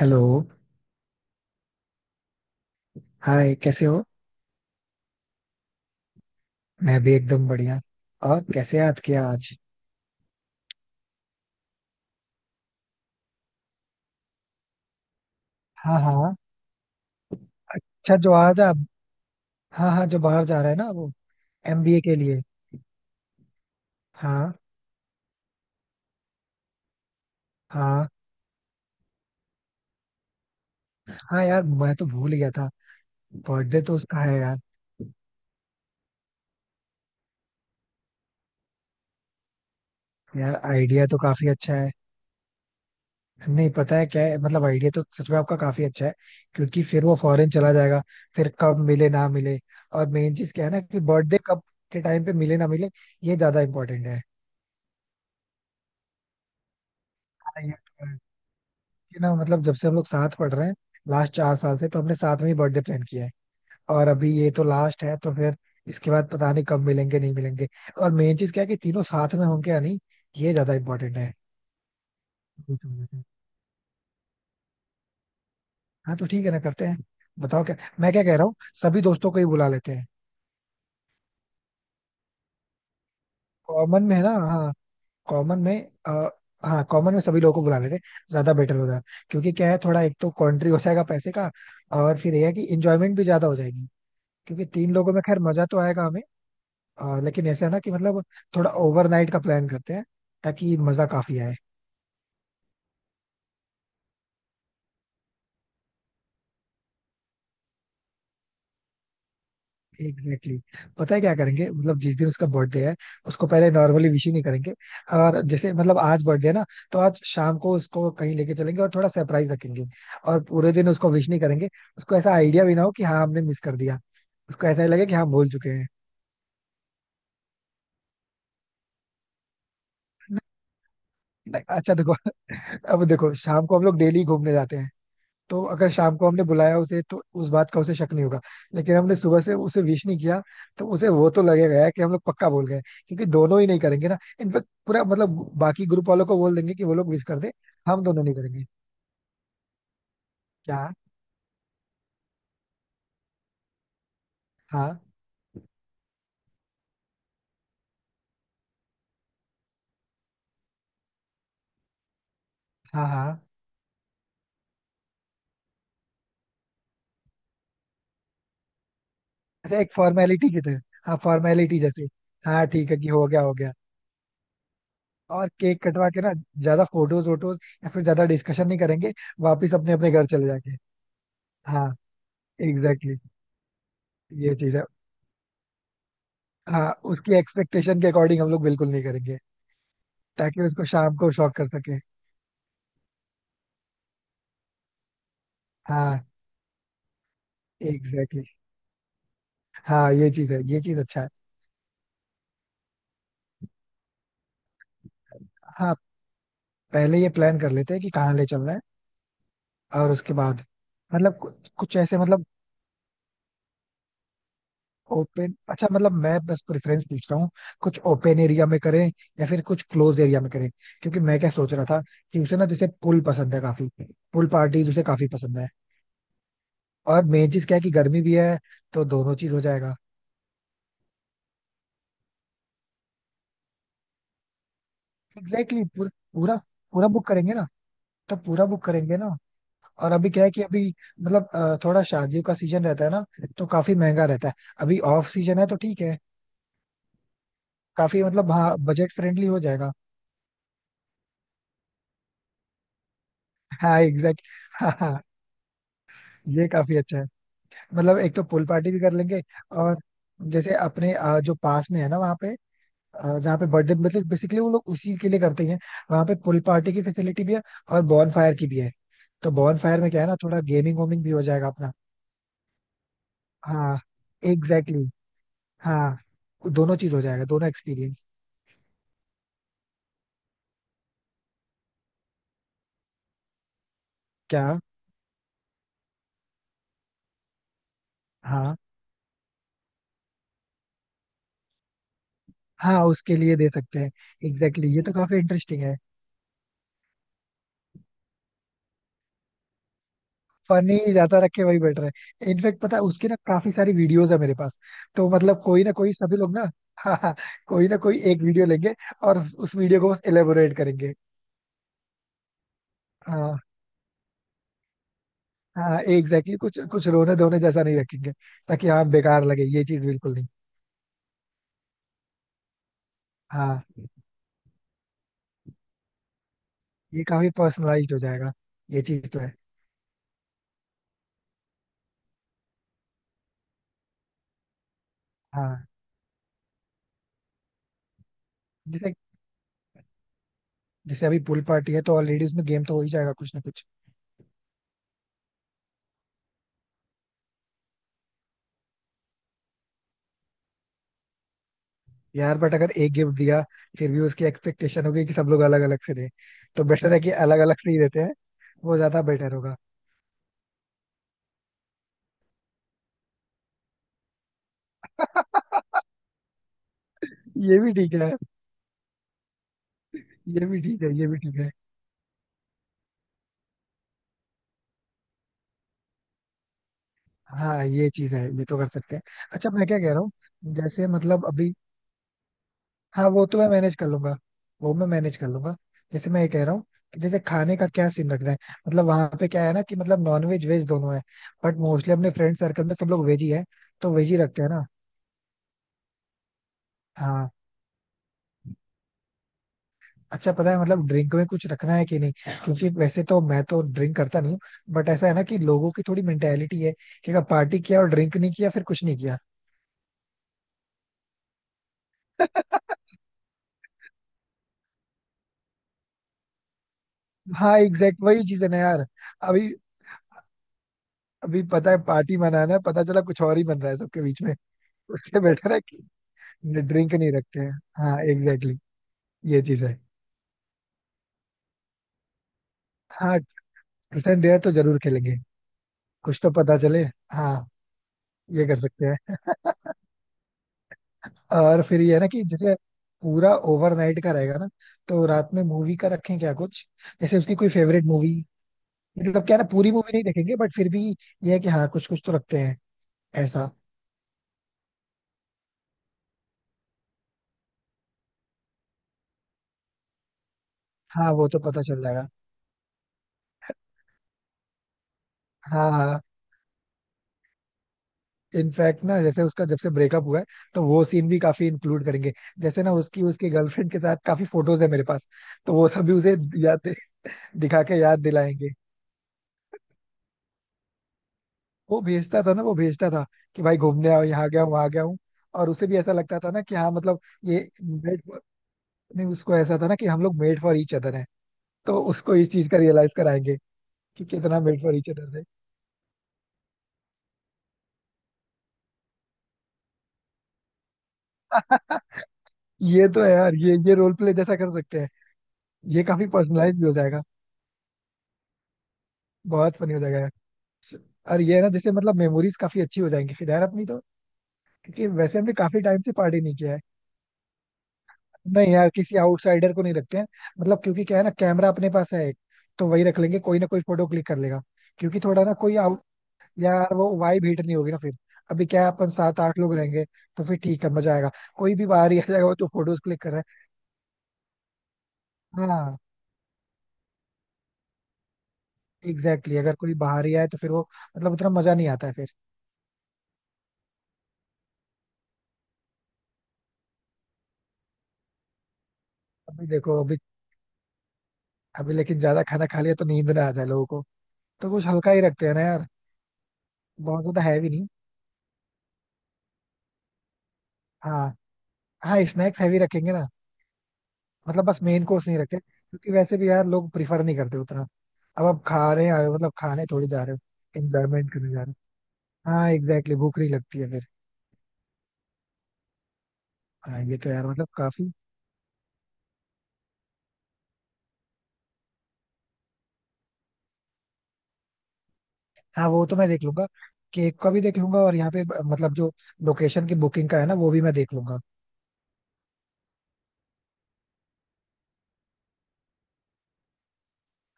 Hello. Hi, कैसे हो? मैं भी एकदम बढ़िया। और कैसे याद किया आज? हाँ, हाँ। अच्छा, जो आज आप। हाँ हाँ, जो बाहर जा रहा है ना वो। एमबीए के लिए। हाँ हाँ। हाँ यार, मैं तो भूल गया था। बर्थडे तो उसका है यार। यार, आइडिया तो काफी अच्छा है। नहीं, पता है क्या है, मतलब आइडिया तो सच में आपका काफी अच्छा है। क्योंकि फिर वो फॉरेन चला जाएगा। फिर कब मिले ना मिले। और मेन चीज क्या है ना कि बर्थडे कब के टाइम पे मिले ना मिले। ये ज्यादा इम्पोर्टेंट है। कि ना, मतलब जब से हम लोग साथ पढ़ रहे हैं, लास्ट चार साल से तो हमने साथ में ही बर्थडे प्लान किया है। और अभी ये तो लास्ट है, तो फिर इसके बाद पता नहीं कब मिलेंगे नहीं मिलेंगे। और मेन चीज क्या है कि तीनों साथ में होंगे या नहीं। ये ज्यादा इंपॉर्टेंट है। इस वजह से हाँ, तो ठीक है ना, करते हैं। बताओ, क्या मैं क्या कह रहा हूँ। सभी दोस्तों को ही बुला लेते हैं। कॉमन में है ना, हाँ। कॉमन में। आ, हाँ, कॉमन में सभी लोगों को बुला लेते हैं। ज्यादा बेटर होगा। क्योंकि क्या है, थोड़ा एक तो कॉन्ट्री हो जाएगा पैसे का, और फिर यह है कि इंजॉयमेंट भी ज्यादा हो जाएगी। क्योंकि तीन लोगों में खैर मजा तो आएगा हमें। लेकिन ऐसा है ना कि मतलब थोड़ा ओवरनाइट का प्लान करते हैं ताकि मजा काफी आए। Exactly exactly। पता है क्या करेंगे, मतलब जिस दिन उसका बर्थडे है उसको पहले नॉर्मली विश ही नहीं करेंगे। और जैसे मतलब आज बर्थडे है ना, तो आज शाम को उसको कहीं लेके चलेंगे और थोड़ा सरप्राइज रखेंगे। और पूरे दिन उसको विश नहीं करेंगे। उसको ऐसा आइडिया भी ना हो कि हाँ, हमने मिस कर दिया। उसको ऐसा ही लगे कि हाँ, हम भूल चुके हैं। नहीं, अच्छा देखो। अब देखो, शाम को हम लोग डेली घूमने जाते हैं। तो अगर शाम को हमने बुलाया उसे तो उस बात का उसे शक नहीं होगा। लेकिन हमने सुबह से उसे विश नहीं किया, तो उसे वो तो लगेगा यार कि हम लोग पक्का बोल गए। क्योंकि दोनों ही नहीं करेंगे ना, इनफेक्ट पूरा, मतलब बाकी ग्रुप वालों को बोल देंगे कि वो लोग विश कर दे। हम दोनों नहीं करेंगे। क्या? हाँ, हाँ, हाँ। अच्छा, एक फॉर्मेलिटी की तरह। हाँ, फॉर्मेलिटी जैसे। हाँ ठीक है कि हो गया हो गया। और केक कटवा के ना, ज्यादा फोटोज वोटोज या फिर ज्यादा डिस्कशन नहीं करेंगे। वापिस अपने अपने घर चले जाके। हाँ एग्जैक्टली exactly, ये चीज है। हाँ उसकी एक्सपेक्टेशन के अकॉर्डिंग हम लोग बिल्कुल नहीं करेंगे। ताकि उसको शाम को शॉक कर सके। हाँ एग्जैक्टली exactly। हाँ, ये चीज है, ये चीज अच्छा है। हाँ, पहले ये प्लान कर लेते हैं कि कहाँ ले चलना है। और उसके बाद मतलब कुछ ऐसे, मतलब ओपन, अच्छा मतलब मैं बस प्रेफरेंस पूछ रहा हूँ। कुछ ओपन एरिया में करें या फिर कुछ क्लोज एरिया में करें। क्योंकि मैं क्या सोच रहा था कि उसे ना जैसे पूल पसंद है काफी। पूल पार्टीज उसे काफी पसंद है। और मेन चीज क्या है कि गर्मी भी है, तो दोनों चीज हो जाएगा। एग्जैक्टली exactly, पूरा। पूरा। पूरा बुक करेंगे ना। तो पूरा बुक करेंगे ना। और अभी क्या है कि अभी मतलब थोड़ा शादियों का सीजन रहता है ना, तो काफी महंगा रहता है। अभी ऑफ सीजन है तो ठीक है। काफी, मतलब हाँ बजट फ्रेंडली हो जाएगा। हाँ एग्जैक्ट। हाँ, हाँ। ये काफी अच्छा है। मतलब एक तो पूल पार्टी भी कर लेंगे। और जैसे अपने जो पास में है ना, वहाँ पे जहाँ पे बर्थडे, मतलब बेसिकली वो लोग उसी के लिए करते हैं, वहाँ पे पूल पार्टी की फैसिलिटी भी है और बॉन फायर की भी है। तो बॉन फायर में क्या है ना, थोड़ा गेमिंग वेमिंग भी हो जाएगा अपना। हाँ एग्जैक्टली। हाँ। दोनों चीज हो जाएगा, दोनों एक्सपीरियंस। क्या? हाँ, हाँ उसके लिए दे सकते हैं। एग्जैक्टली exactly, ये तो काफी इंटरेस्टिंग है। फनी ज्यादा रखे वही बेटर है। इनफेक्ट पता है, उसकी ना काफी सारी वीडियोस है मेरे पास। तो मतलब कोई ना कोई सभी लोग ना हाँ, हाँ, कोई ना कोई एक वीडियो लेंगे और उस वीडियो को बस एलेबोरेट करेंगे। हाँ। हाँ एग्जैक्टली exactly, कुछ कुछ रोने धोने जैसा नहीं रखेंगे। ताकि हाँ बेकार लगे ये चीज बिल्कुल नहीं। हाँ, ये काफी पर्सनलाइज्ड हो जाएगा। ये चीज तो है। हाँ। जैसे, जैसे अभी पूल पार्टी है तो ऑलरेडी उसमें गेम तो हो ही जाएगा कुछ ना कुछ। यार बट अगर एक गिफ्ट दिया, फिर भी उसकी एक्सपेक्टेशन होगी कि सब लोग अलग अलग से दें। तो बेटर है कि अलग अलग से ही देते हैं। वो ज्यादा बेटर होगा। ये भी ठीक है। ये भी ठीक है। ये भी ठीक है। हाँ ये चीज है, ये तो कर सकते हैं। अच्छा मैं क्या कह रहा हूँ जैसे, मतलब अभी, हाँ वो तो मैं मैनेज कर लूंगा। वो मैं मैनेज कर लूंगा। जैसे मैं ये कह रहा हूँ कि जैसे खाने का क्या सीन रखना है। मतलब वहां पे क्या है ना कि मतलब नॉन वेज वेज दोनों है। बट मोस्टली अपने फ्रेंड सर्कल में सब लोग वेज ही है। तो वेज ही रखते हैं ना। हाँ। अच्छा, पता है मतलब ड्रिंक में कुछ रखना है कि नहीं, क्योंकि वैसे तो मैं तो ड्रिंक करता नहीं हूँ। बट ऐसा है ना कि लोगों की थोड़ी मेंटेलिटी है कि अगर पार्टी किया और ड्रिंक नहीं किया फिर कुछ नहीं किया। हाँ एग्जैक्ट, वही चीज है ना यार। अभी, अभी पता है पार्टी मनाना है, पता चला कुछ और ही बन रहा है सबके बीच में। उससे बेटर है कि ड्रिंक नहीं रखते हैं। हाँ एग्जैक्टली exactly, ये चीज है। हाँ ट्रूथ एंड डेयर तो जरूर खेलेंगे। कुछ तो पता चले। हाँ ये कर सकते हैं। और फिर ये है ना कि जैसे पूरा ओवरनाइट का रहेगा ना, तो रात में मूवी का रखें क्या कुछ, जैसे उसकी कोई फेवरेट मूवी। मतलब क्या है ना, पूरी मूवी नहीं देखेंगे बट फिर भी ये है कि हाँ कुछ कुछ तो रखते हैं। ऐसा? हाँ वो तो पता चल जाएगा। हाँ, हाँ। इनफैक्ट ना, जैसे उसका जब से ब्रेकअप हुआ है, तो वो सीन भी काफी इंक्लूड करेंगे। जैसे ना उसकी, उसके गर्लफ्रेंड के साथ काफी फोटोज है मेरे पास। तो वो सब भी उसे याद दिखा के याद दिलाएंगे। वो भेजता था ना, वो भेजता था कि भाई घूमने आओ, यहाँ गया हूँ वहां गया हूँ। और उसे भी ऐसा लगता था ना कि हाँ, मतलब ये नहीं, उसको ऐसा था ना कि हम लोग मेड फॉर ईच अदर हैं। तो उसको इस चीज का रियलाइज कराएंगे कि कितना मेड फॉर ईच अदर है। ये तो है यार, ये रोल प्ले जैसा कर सकते हैं। ये काफी पर्सनलाइज भी हो जाएगा। बहुत फनी हो जाएगा यार। और ये है ना, जैसे मतलब मेमोरीज काफी अच्छी हो जाएंगी फिर यार अपनी तो, क्योंकि वैसे हमने काफी टाइम से पार्टी नहीं किया है। नहीं यार, किसी आउटसाइडर को नहीं रखते हैं। मतलब क्योंकि क्या है ना, कैमरा अपने पास है एक, तो वही रख लेंगे, कोई ना कोई फोटो क्लिक कर लेगा। क्योंकि थोड़ा ना कोई आउट, यार वो वाइब हिट नहीं होगी ना फिर। अभी क्या है, अपन सात आठ लोग रहेंगे, तो फिर ठीक है मजा आएगा। कोई भी बाहर ही आ जाएगा वो तो, फोटोज क्लिक कर रहा है। हाँ एग्जैक्टली, अगर कोई बाहर ही आए तो फिर वो मतलब उतना मजा नहीं आता है फिर। अभी देखो अभी, अभी लेकिन ज्यादा खाना खा लिया तो नींद ना आ जाए लोगों को। तो कुछ हल्का ही रखते हैं ना यार। बहुत ज्यादा हैवी नहीं। हाँ, हाँ स्नैक्स हैवी रखेंगे ना। मतलब बस मेन कोर्स नहीं रखते क्योंकि वैसे भी यार लोग प्रिफर नहीं करते उतना। अब आप खा रहे आए हो, मतलब खाने थोड़ी जा रहे हो, एंजॉयमेंट करने जा रहे हो। हाँ एग्जैक्टली, भूख नहीं लगती है फिर। हाँ ये तो यार मतलब काफी। हाँ वो तो मैं देख लूंगा, केक का भी देख लूंगा। और यहाँ पे मतलब जो लोकेशन की बुकिंग का है ना, वो भी मैं देख लूंगा।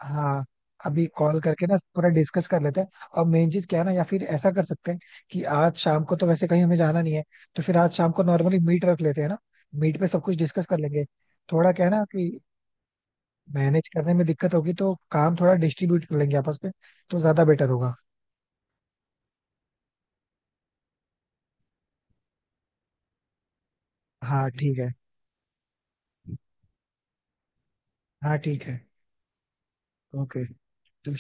हाँ। अभी कॉल करके ना पूरा डिस्कस कर लेते हैं। और मेन चीज क्या है ना, या फिर ऐसा कर सकते हैं कि आज शाम को तो वैसे कहीं हमें जाना नहीं है, तो फिर आज शाम को नॉर्मली मीट रख लेते हैं ना। मीट पे सब कुछ डिस्कस कर लेंगे। थोड़ा क्या है ना कि मैनेज करने में दिक्कत होगी तो काम थोड़ा डिस्ट्रीब्यूट कर लेंगे आपस में, तो ज्यादा बेटर होगा। हाँ ठीक है। हाँ ठीक है। ओके तो